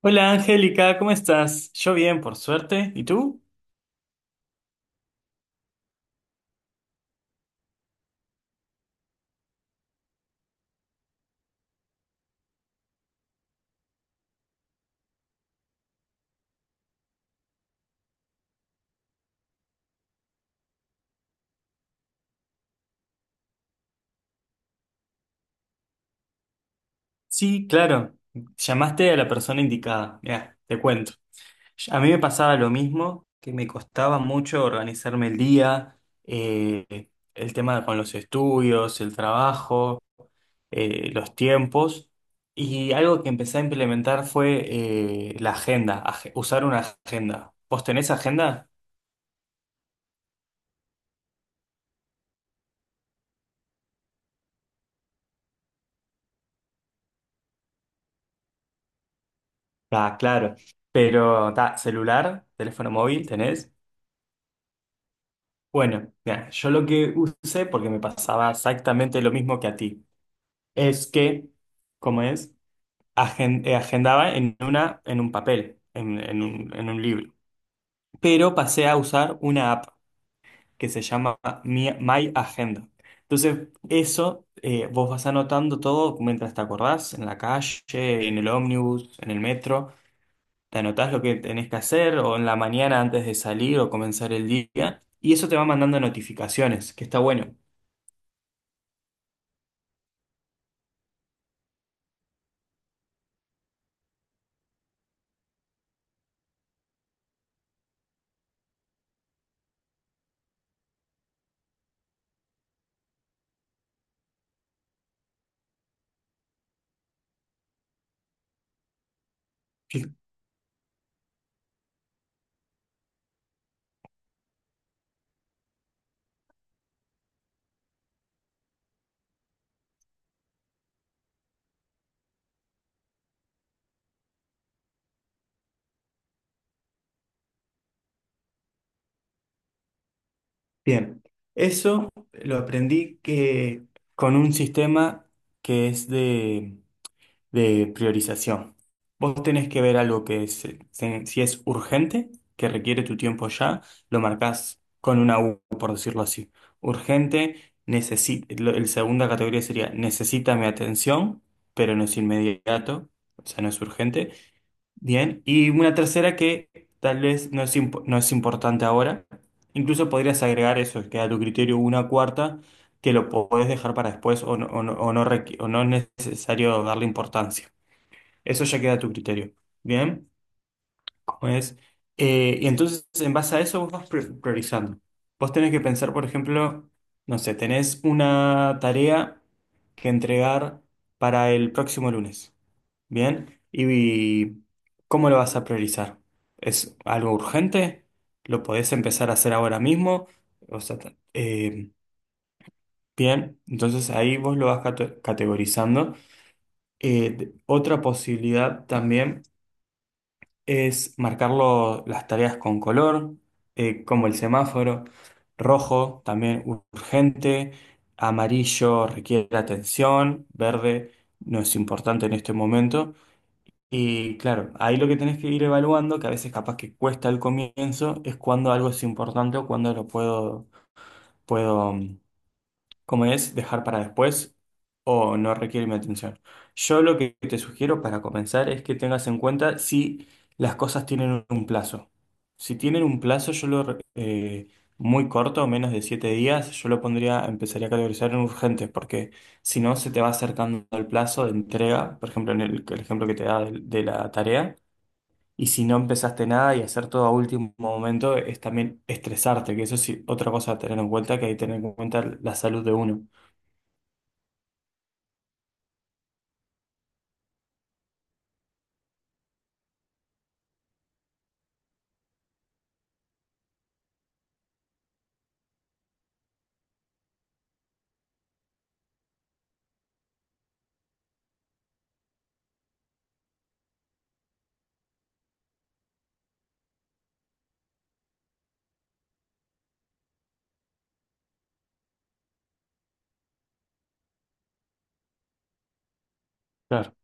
Hola Angélica, ¿cómo estás? Yo bien, por suerte. ¿Y tú? Sí, claro. Llamaste a la persona indicada. Mira, te cuento. A mí me pasaba lo mismo, que me costaba mucho organizarme el día, el tema con los estudios, el trabajo, los tiempos. Y algo que empecé a implementar fue la agenda, usar una agenda. ¿Vos tenés agenda? Ah, claro. Pero, ta, celular, teléfono móvil, ¿tenés? Bueno, mira, yo lo que usé, porque me pasaba exactamente lo mismo que a ti, es que, ¿cómo es? Agendaba en una, en un papel, en un libro. Pero pasé a usar una app que se llama My Agenda. Entonces, eso, vos vas anotando todo mientras te acordás, en la calle, en el ómnibus, en el metro, te anotás lo que tenés que hacer, o en la mañana antes de salir o comenzar el día, y eso te va mandando notificaciones, que está bueno. Bien, eso lo aprendí que con un sistema que es de priorización. Vos tenés que ver algo que es, si es urgente, que requiere tu tiempo ya, lo marcás con una U, por decirlo así. Urgente, necesita, la segunda categoría sería necesita mi atención, pero no es inmediato, o sea, no es urgente. Bien, y una tercera que tal vez no es importante ahora. Incluso podrías agregar eso, que a tu criterio una cuarta que lo podés dejar para después o no, o no es necesario darle importancia. Eso ya queda a tu criterio. Bien, ¿cómo es? Y entonces en base a eso vos vas priorizando. Vos tenés que pensar, por ejemplo, no sé, tenés una tarea que entregar para el próximo lunes. Bien, ¿y cómo lo vas a priorizar? ¿Es algo urgente? ¿Lo podés empezar a hacer ahora mismo? O sea, bien, entonces ahí vos lo vas categorizando. Otra posibilidad también es marcarlo las tareas con color, como el semáforo, rojo, también urgente, amarillo requiere atención, verde no es importante en este momento. Y claro, ahí lo que tenés que ir evaluando, que a veces capaz que cuesta al comienzo, es cuando algo es importante o cuando lo puedo, puedo, mm, como es, dejar para después o no requiere mi atención. Yo lo que te sugiero para comenzar es que tengas en cuenta si las cosas tienen un plazo. Si tienen un plazo, muy corto, menos de 7 días, yo lo pondría, empezaría a categorizar en urgentes, porque si no se te va acercando el plazo de entrega, por ejemplo, en el ejemplo que te da de la tarea. Y si no empezaste nada y hacer todo a último momento es también estresarte, que eso es otra cosa a tener en cuenta, que hay que tener en cuenta la salud de uno. Claro.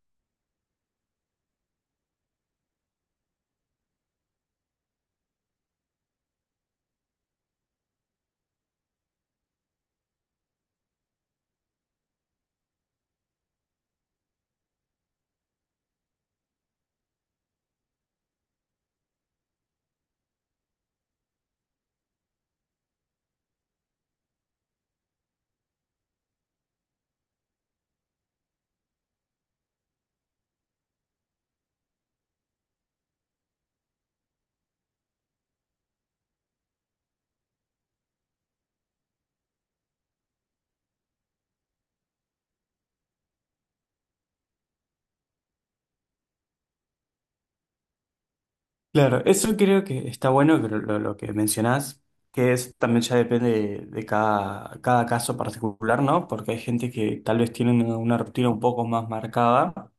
Claro, eso creo que está bueno que lo que mencionás, que es también ya depende de cada caso particular, ¿no? Porque hay gente que tal vez tiene una rutina un poco más marcada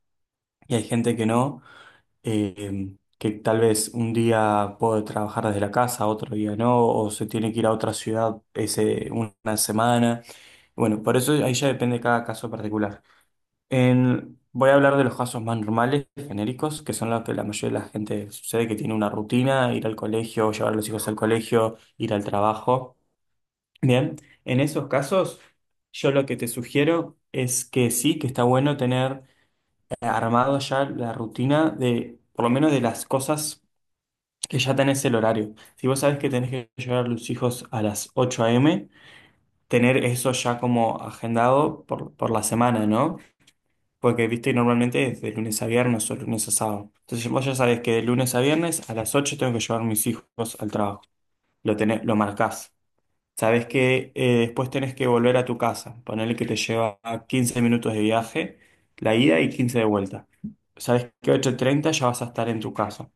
y hay gente que no, que tal vez un día puede trabajar desde la casa, otro día no, o se tiene que ir a otra ciudad ese, una semana. Bueno, por eso ahí ya depende de cada caso particular. Voy a hablar de los casos más normales, genéricos, que son los que la mayoría de la gente sucede que tiene una rutina, ir al colegio, llevar a los hijos al colegio, ir al trabajo. Bien, en esos casos, yo lo que te sugiero es que sí, que está bueno tener armado ya la rutina de, por lo menos de las cosas que ya tenés el horario. Si vos sabés que tenés que llevar a los hijos a las 8 a.m., tener eso ya como agendado por la semana, ¿no? Porque, viste, normalmente es de lunes a viernes o lunes a sábado. Entonces vos ya sabés que de lunes a viernes a las 8 tengo que llevar a mis hijos al trabajo. Lo tenés, lo marcás. Sabés que después tenés que volver a tu casa. Ponele que te lleva 15 minutos de viaje, la ida y 15 de vuelta. Sabés que 8:30 ya vas a estar en tu casa.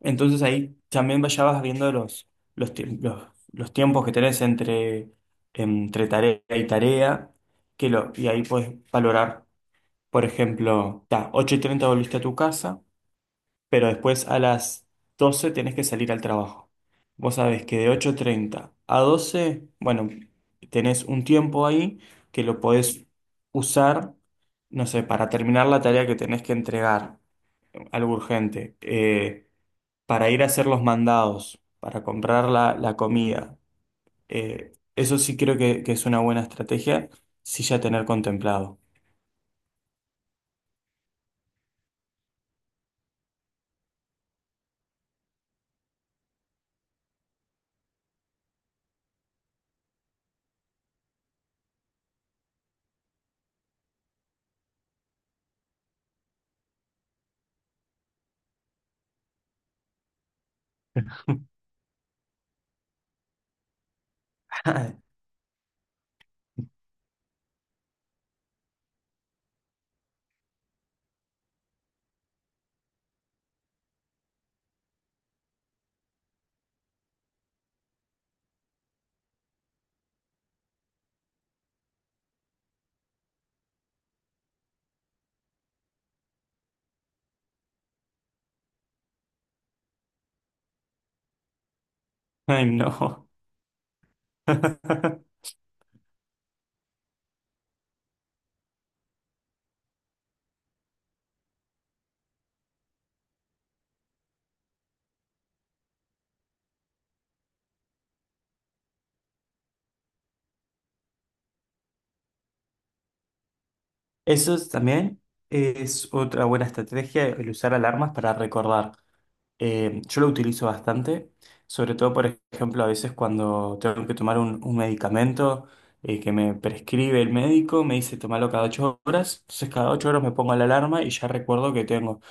Entonces ahí también ya vas viendo los tiempos que tenés entre tarea y tarea. Y ahí puedes valorar. Por ejemplo, ta, 8:30 volviste a tu casa, pero después a las 12 tenés que salir al trabajo. Vos sabés que de 8:30 a 12 bueno, tenés un tiempo ahí que lo podés usar, no sé, para terminar la tarea que tenés que entregar, algo urgente, para ir a hacer los mandados, para comprar la comida. Eso sí creo que es una buena estrategia, sí ya tener contemplado. Ay, no. Eso es también es otra buena estrategia, el usar alarmas para recordar. Yo lo utilizo bastante, sobre todo, por ejemplo, a veces cuando tengo que tomar un medicamento que me prescribe el médico, me dice tomarlo cada 8 horas, entonces cada 8 horas me pongo la alarma y ya recuerdo que tengo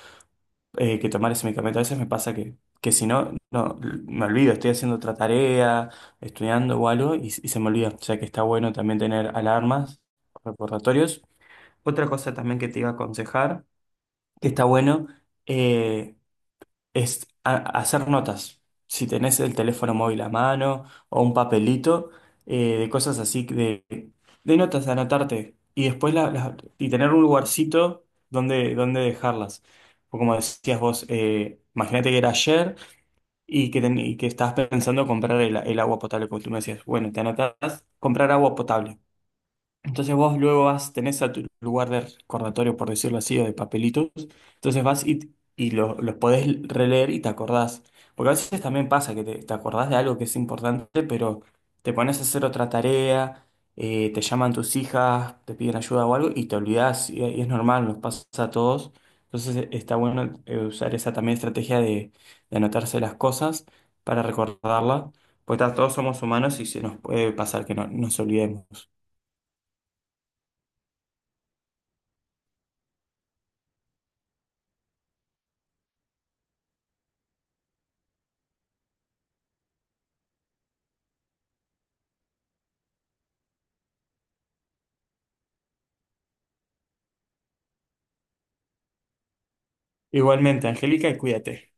que tomar ese medicamento. A veces me pasa que si no, me olvido, estoy haciendo otra tarea, estudiando o algo y se me olvida. O sea que está bueno también tener alarmas, recordatorios. Otra cosa también que te iba a aconsejar, que está bueno, eh, es hacer notas. Si tenés el teléfono móvil a mano o un papelito, de cosas así, de notas, anotarte. Y después y tener un lugarcito donde dejarlas. O como decías vos, imagínate que era ayer y que estabas pensando comprar el agua potable, como tú me decías. Bueno, te anotás, comprar agua potable. Entonces vos luego vas, tenés a tu lugar de recordatorio, por decirlo así, o de papelitos. Entonces vas y los podés releer y te acordás. Porque a veces también pasa que te acordás de algo que es importante, pero te pones a hacer otra tarea, te llaman tus hijas, te piden ayuda o algo y te olvidás. Y es normal, nos pasa a todos. Entonces está bueno usar esa también estrategia de anotarse las cosas para recordarlas. Porque ta, todos somos humanos y se nos puede pasar que no, nos olvidemos. Igualmente, Angélica, y cuídate.